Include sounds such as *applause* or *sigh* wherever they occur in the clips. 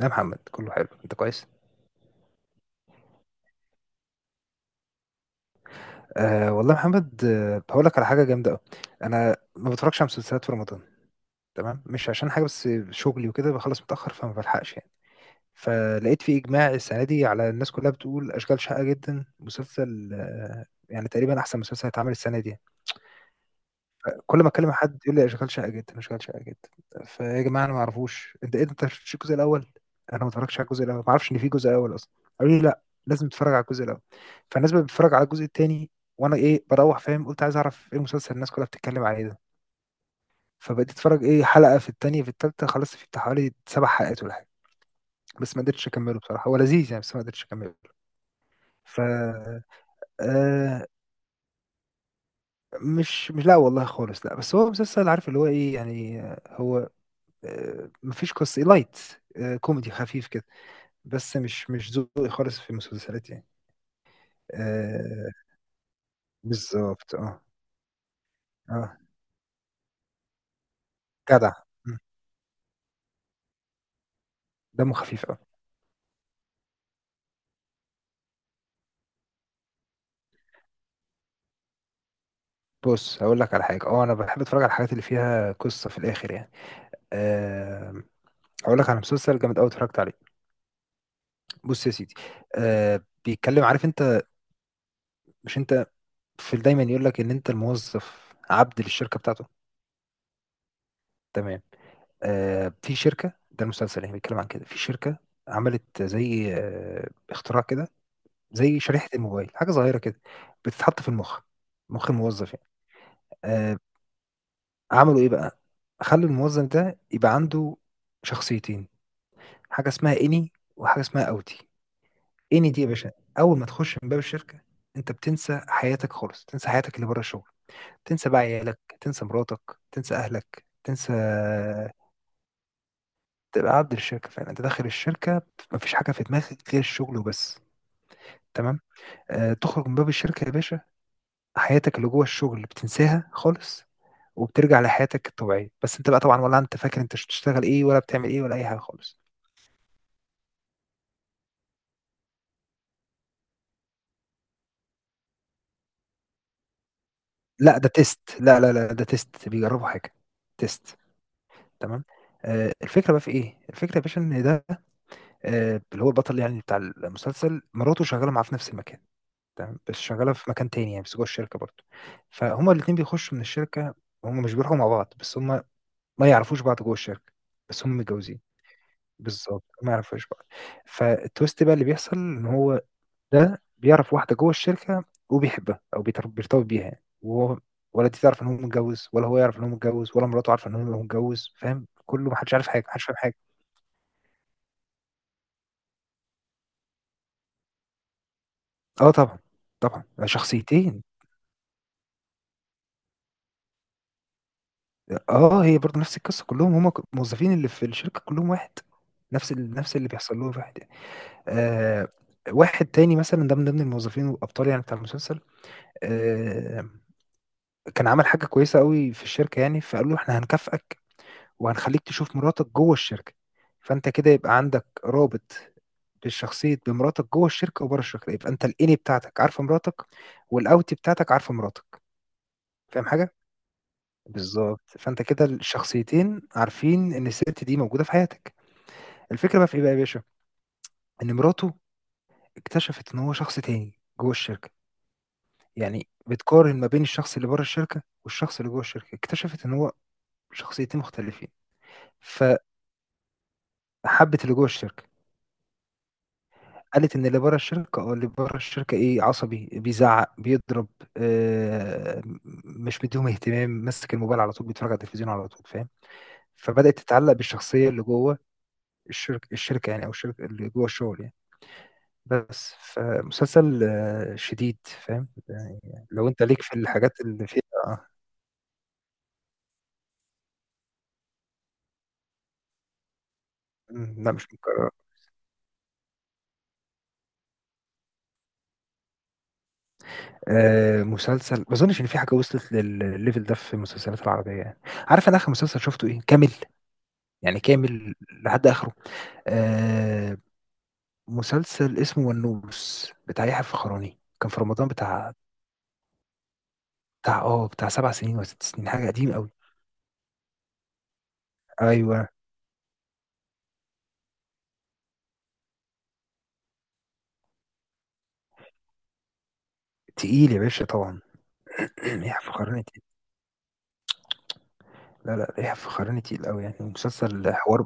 يا محمد، كله حلو، انت كويس. آه والله يا محمد، هقول لك على حاجه جامده قوي. انا ما بتفرجش على مسلسلات في رمضان. تمام، مش عشان حاجه، بس شغلي وكده بخلص متاخر فما بلحقش يعني. فلقيت في اجماع السنه دي على الناس كلها بتقول اشغال شاقه جدا مسلسل، يعني تقريبا احسن مسلسل هيتعمل السنه دي. كل ما اتكلم مع حد يقول لي اشغال شقه جدا، اشغال شقه جدا. فيا جماعه، انا ما اعرفوش، انت ايه ده؟ انت ما شفتش الجزء الاول؟ انا ما اتفرجتش على الجزء الاول، ما اعرفش ان في جزء اول اصلا. قالوا لي لا، لازم تتفرج على الجزء الاول. فالناس بقت بتتفرج على الجزء التاني. وانا ايه، بروح فاهم، قلت عايز اعرف ايه المسلسل الناس كلها بتتكلم عليه ده. فبقيت اتفرج ايه، حلقه في التانيه في التالته، خلصت فيه بتاع حوالي 7 حلقات ولا حاجه. بس ما قدرتش اكمله بصراحه، هو لذيذ يعني، بس ما قدرتش اكمله. ف آه مش لا والله خالص، لا، بس هو مسلسل عارف اللي هو ايه يعني، هو مفيش قصة لايت، كوميدي خفيف كده، بس مش ذوقي خالص في المسلسلات يعني. آه، بالظبط. اه. اه، جدع. مم. دمه خفيف. اه. بص، هقول لك على حاجة، انا بحب اتفرج على الحاجات اللي فيها قصة في الاخر يعني. أه. هقول لك على مسلسل جامد قوي اتفرجت عليه. بص يا سيدي. بيتكلم، عارف انت. مش انت. في دايما يقول لك ان انت الموظف عبد للشركة بتاعته. تمام. في شركة، ده المسلسل يعني بيتكلم عن كده، في شركة. عملت زي اختراع كده. زي شريحة الموبايل، حاجة صغيرة كده. بتتحط في المخ. مخ الموظف يعني. آه، عملوا ايه بقى. خلوا الموظف ده يبقى عنده شخصيتين. حاجة اسمها اني وحاجة اسمها اوتي. اني دي يا باشا، اول ما تخش من باب الشركة انت بتنسى حياتك خالص، تنسى حياتك اللي بره الشغل. تنسى بقى عيالك، تنسى مراتك، تنسى اهلك، تنسى. تبقى عبد الشركه فعلا، انت داخل الشركه مفيش حاجه في دماغك غير الشغل وبس. تمام. تخرج من باب الشركه يا باشا، حياتك اللي جوه الشغل بتنساها خالص. وبترجع لحياتك الطبيعيه، بس انت بقى طبعا ولا انت فاكر انت بتشتغل ايه ولا بتعمل ايه ولا اي حاجه خالص. لا ده تيست، لا لا لا، ده تيست، بيجربوا حاجه. تيست. تمام. الفكره بقى في ايه، الفكره يا باشا ان ده، اللي هو البطل يعني بتاع المسلسل، مراته شغاله معاه في نفس المكان. تمام، بس شغاله في مكان تاني يعني، بس جوه الشركه برضه. فهما الاثنين بيخشوا من الشركه، هما مش بيروحوا مع بعض، بس هما ما يعرفوش بعض جوه الشركه. بس هما متجوزين. بالظبط، ما يعرفوش بعض. فالتويست بقى اللي بيحصل، ان هو ده بيعرف واحده جوه الشركه وبيحبها او بيرتبط بيها يعني، وهو ولا دي تعرف ان هو متجوز، ولا هو يعرف ان هو متجوز، ولا مراته عارفه ان هو متجوز، فاهم؟ كله محدش عارف حاجه، محدش فاهم حاجه. اه طبعا. طبعا، شخصيتين. اه، هي برضه نفس القصه، كلهم هم الموظفين اللي في الشركه كلهم واحد. نفس اللي بيحصل لهم واحد يعني. آه. واحد تاني مثلا ده من ضمن الموظفين والابطال يعني بتاع المسلسل. آه. كان عمل حاجه كويسه قوي في الشركه يعني، فقالوا له احنا هنكافئك وهنخليك تشوف مراتك جوه الشركه. فانت كده يبقى عندك رابط بالشخصيه بمراتك جوه الشركه وبره الشركه، يبقى انت الاني بتاعتك عارفه مراتك والاوتي بتاعتك عارفه مراتك. فاهم حاجه؟ بالظبط، فانت كده الشخصيتين عارفين ان الست دي موجوده في حياتك. الفكره بقى في ايه بقى يا باشا، ان مراته اكتشفت ان هو شخص تاني جوه الشركه. يعني بتقارن ما بين الشخص اللي بره الشركه والشخص اللي جوه الشركه، اكتشفت ان هو شخصيتين مختلفين. فحبت اللي جوه الشركه. قالت ان اللي بره الشركه ايه، عصبي بيزعق بيضرب، آه م- مش مديهم اهتمام، ماسك الموبايل على طول، بيتفرج على التلفزيون على طول، فاهم. فبدأت تتعلق بالشخصيه اللي جوه الشركه يعني، او الشركه اللي جوه الشغل يعني. بس فمسلسل شديد. فاهم يعني. لو انت ليك في الحاجات اللي فيها. آه، مم، لا، مش مكرر. مسلسل ما اظنش ان في حاجه وصلت للليفل ده في المسلسلات العربيه يعني، عارف انا اخر مسلسل شفته ايه كامل، يعني كامل لحد اخره. آه. مسلسل اسمه ونوس بتاع يحيى الفخراني، كان في رمضان، بتاع بتاع 7 سنين ولا 6 سنين، حاجه قديم قوي. ايوه، تقيل يا باشا طبعا. *clears throat* يحيى الفخراني تقيل. لا لا، يحيى الفخراني تقيل قوي يعني، مسلسل حوار.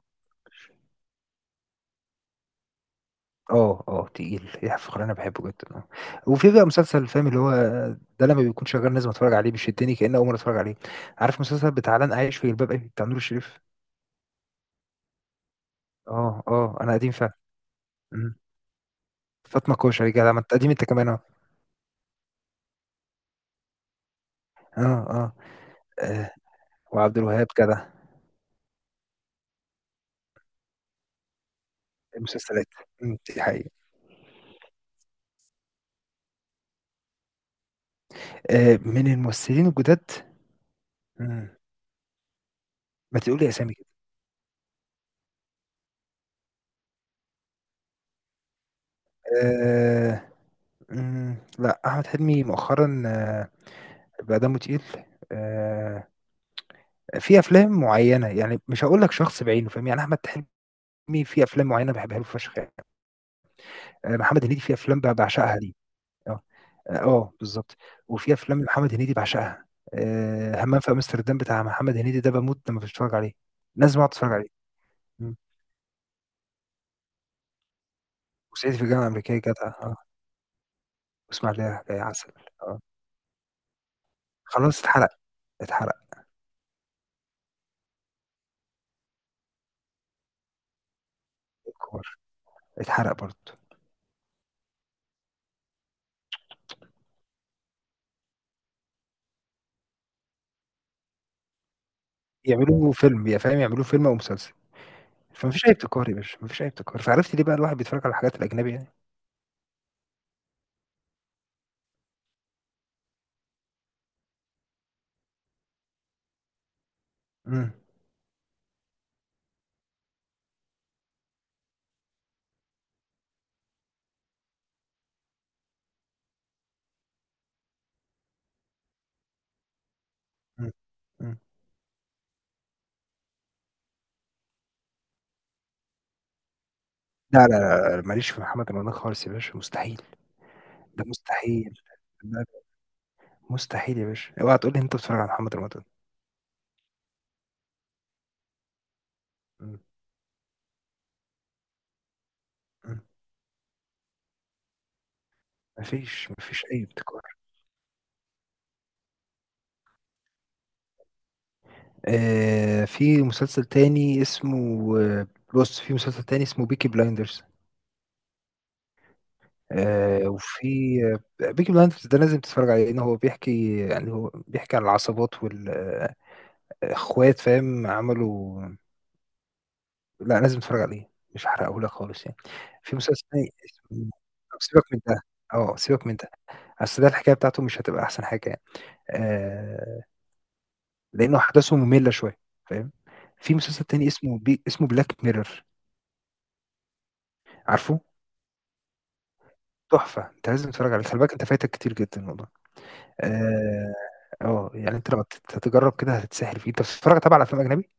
اه اه، تقيل يحيى الفخراني، انا بحبه جدا. اه. وفي بقى مسلسل، فاهم، اللي هو ده لما بيكون شغال لازم اتفرج عليه، بيشدني كأني اول مره اتفرج عليه. عارف مسلسل بتاع لن اعيش في جلباب ابي بتاع نور الشريف؟ اه اه، انا قديم فعلا. مم. فاطمه كوشري جدع، ما انت قديم انت كمان. اه. اه، اه. آه، وعبد الوهاب جدع. المسلسلات. مم، دي حقيقة. من الممثلين الجداد. مم. ما تقولي اسامي كده. آه مم، لا، احمد حلمي مؤخرا. آه، بقى دمه تقيل. آه. في افلام معينه يعني، مش هقول لك شخص بعينه فاهم يعني، احمد حلمي في افلام معينه بحبها له فشخ يعني. محمد هنيدي في افلام بعشقها ليه. اه اه، بالظبط. وفي افلام محمد هنيدي بعشقها. همام في امستردام بتاع محمد هنيدي ده، بموت لما بتفرج عليه. لازم اقعد اتفرج عليه. مم. وصعيدي في الجامعه الامريكيه جدع. اه. واسمع ليه يا عسل. اه، خلاص اتحرق. اتحرق. الكبار. اتحرق برضه. يعملوا فيلم يا فاهم، يعملوا فيلم او مسلسل. فمفيش اي ابتكار يا باشا، مفيش اي ابتكار، فعرفت ليه بقى الواحد بيتفرج على الحاجات الاجنبي يعني. مم. مم. مم. لا لا لا لا، ماليش في محمد رمضان خالص يا باشا، مستحيل. ده مستحيل. لا لا، مستحيل يا باشا، اوعى تقول لي انت بتتفرج على محمد رمضان. مم. مم. مفيش اي ابتكار. في مسلسل تاني اسمه، آه، بص في مسلسل تاني اسمه بيكي بلايندرز. وفي، بيكي بلايندرز ده لازم تتفرج عليه، لان هو بيحكي يعني، هو بيحكي عن العصابات والاخوات، فاهم، عملوا. لأ لازم تتفرج عليه، مش هاحرقه لك خالص يعني. في مسلسل تاني اسمه. طب سيبك من ده، سيبك من ده، أصل ده الحكاية بتاعته مش هتبقى أحسن حاجة يعني، آآ، لأنه أحداثه مملة شوية، فاهم؟ في مسلسل تاني اسمه Black Mirror. عارفه؟ تحفة، أنت لازم تتفرج عليه، خلي بالك أنت فايتك كتير جدًا والله. آآ، يعني أنت لو تجرب كده هتتسحل فيه، أنت بتتفرج طبعًا على أفلام أجنبي؟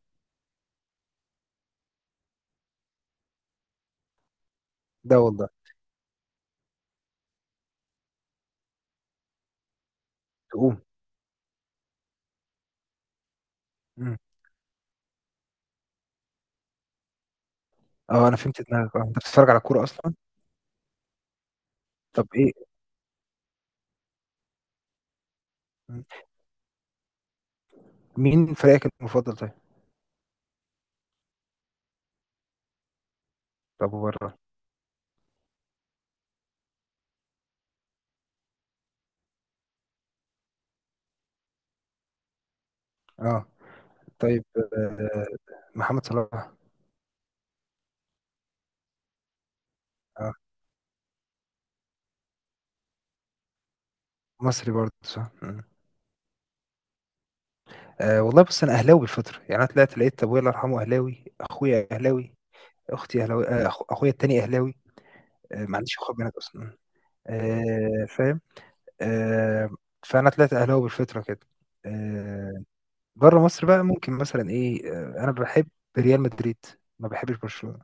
لا والله. تقوم. إمم، آه، أنا فهمت دماغك. أنت بتتفرج على كورة أصلًا؟ طب إيه. إمم، مين فريقك المفضل طيب؟ طب وبرّه؟ اه طيب. آه، محمد صلاح. اه، مصري برضه صح. مم. آه والله، بص انا اهلاوي بالفطره يعني، انا طلعت لقيت ابويا الله يرحمه اهلاوي، اخويا اهلاوي، اختي اهلاوي، اخويا التاني اهلاوي. ما عنديش اخوات بنات اصلا. آه، فاهم. آه. فانا طلعت اهلاوي بالفطره كده. آه. بره مصر بقى ممكن مثلا ايه، انا بحب ريال مدريد. ما بحبش برشلونه.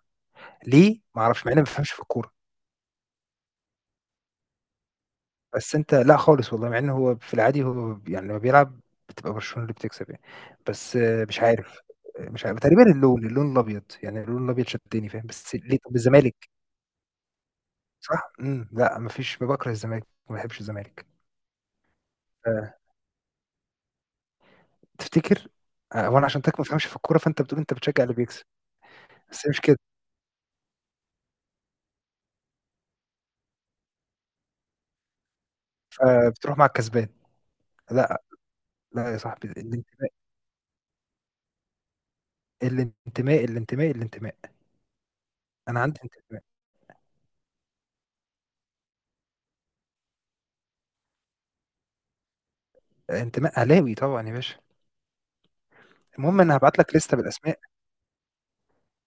ليه؟ ما اعرفش، مع اني ما بفهمش في الكوره. بس انت، لا خالص والله، مع انه هو في العادي هو يعني لما بيلعب بتبقى برشلونة اللي بتكسب يعني. بس مش عارف، مش عارف، تقريبا اللون الابيض يعني، اللون الابيض شدني فاهم. بس ليه طب الزمالك؟ صح؟ لا، مفيش، بكره الزمالك، ما بحبش الزمالك. آه، تفتكر؟ وانا عشان ما فهمش في الكوره، فانت بتقول انت بتشجع اللي بيكسب. بس هي مش كده. فبتروح مع الكسبان. لا لا، يا صاحبي، الانتماء، الانتماء، الانتماء، الانتماء. انا عندي انتماء. انتماء اهلاوي طبعا يا باشا. المهم، انا هبعت لك لسته بالاسماء،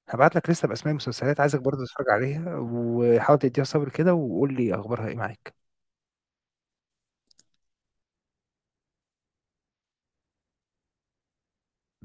هبعت لك لسه باسماء المسلسلات، عايزك برضه تتفرج عليها، وحاول تديها صبر كده وقول لي اخبارها ايه معاك.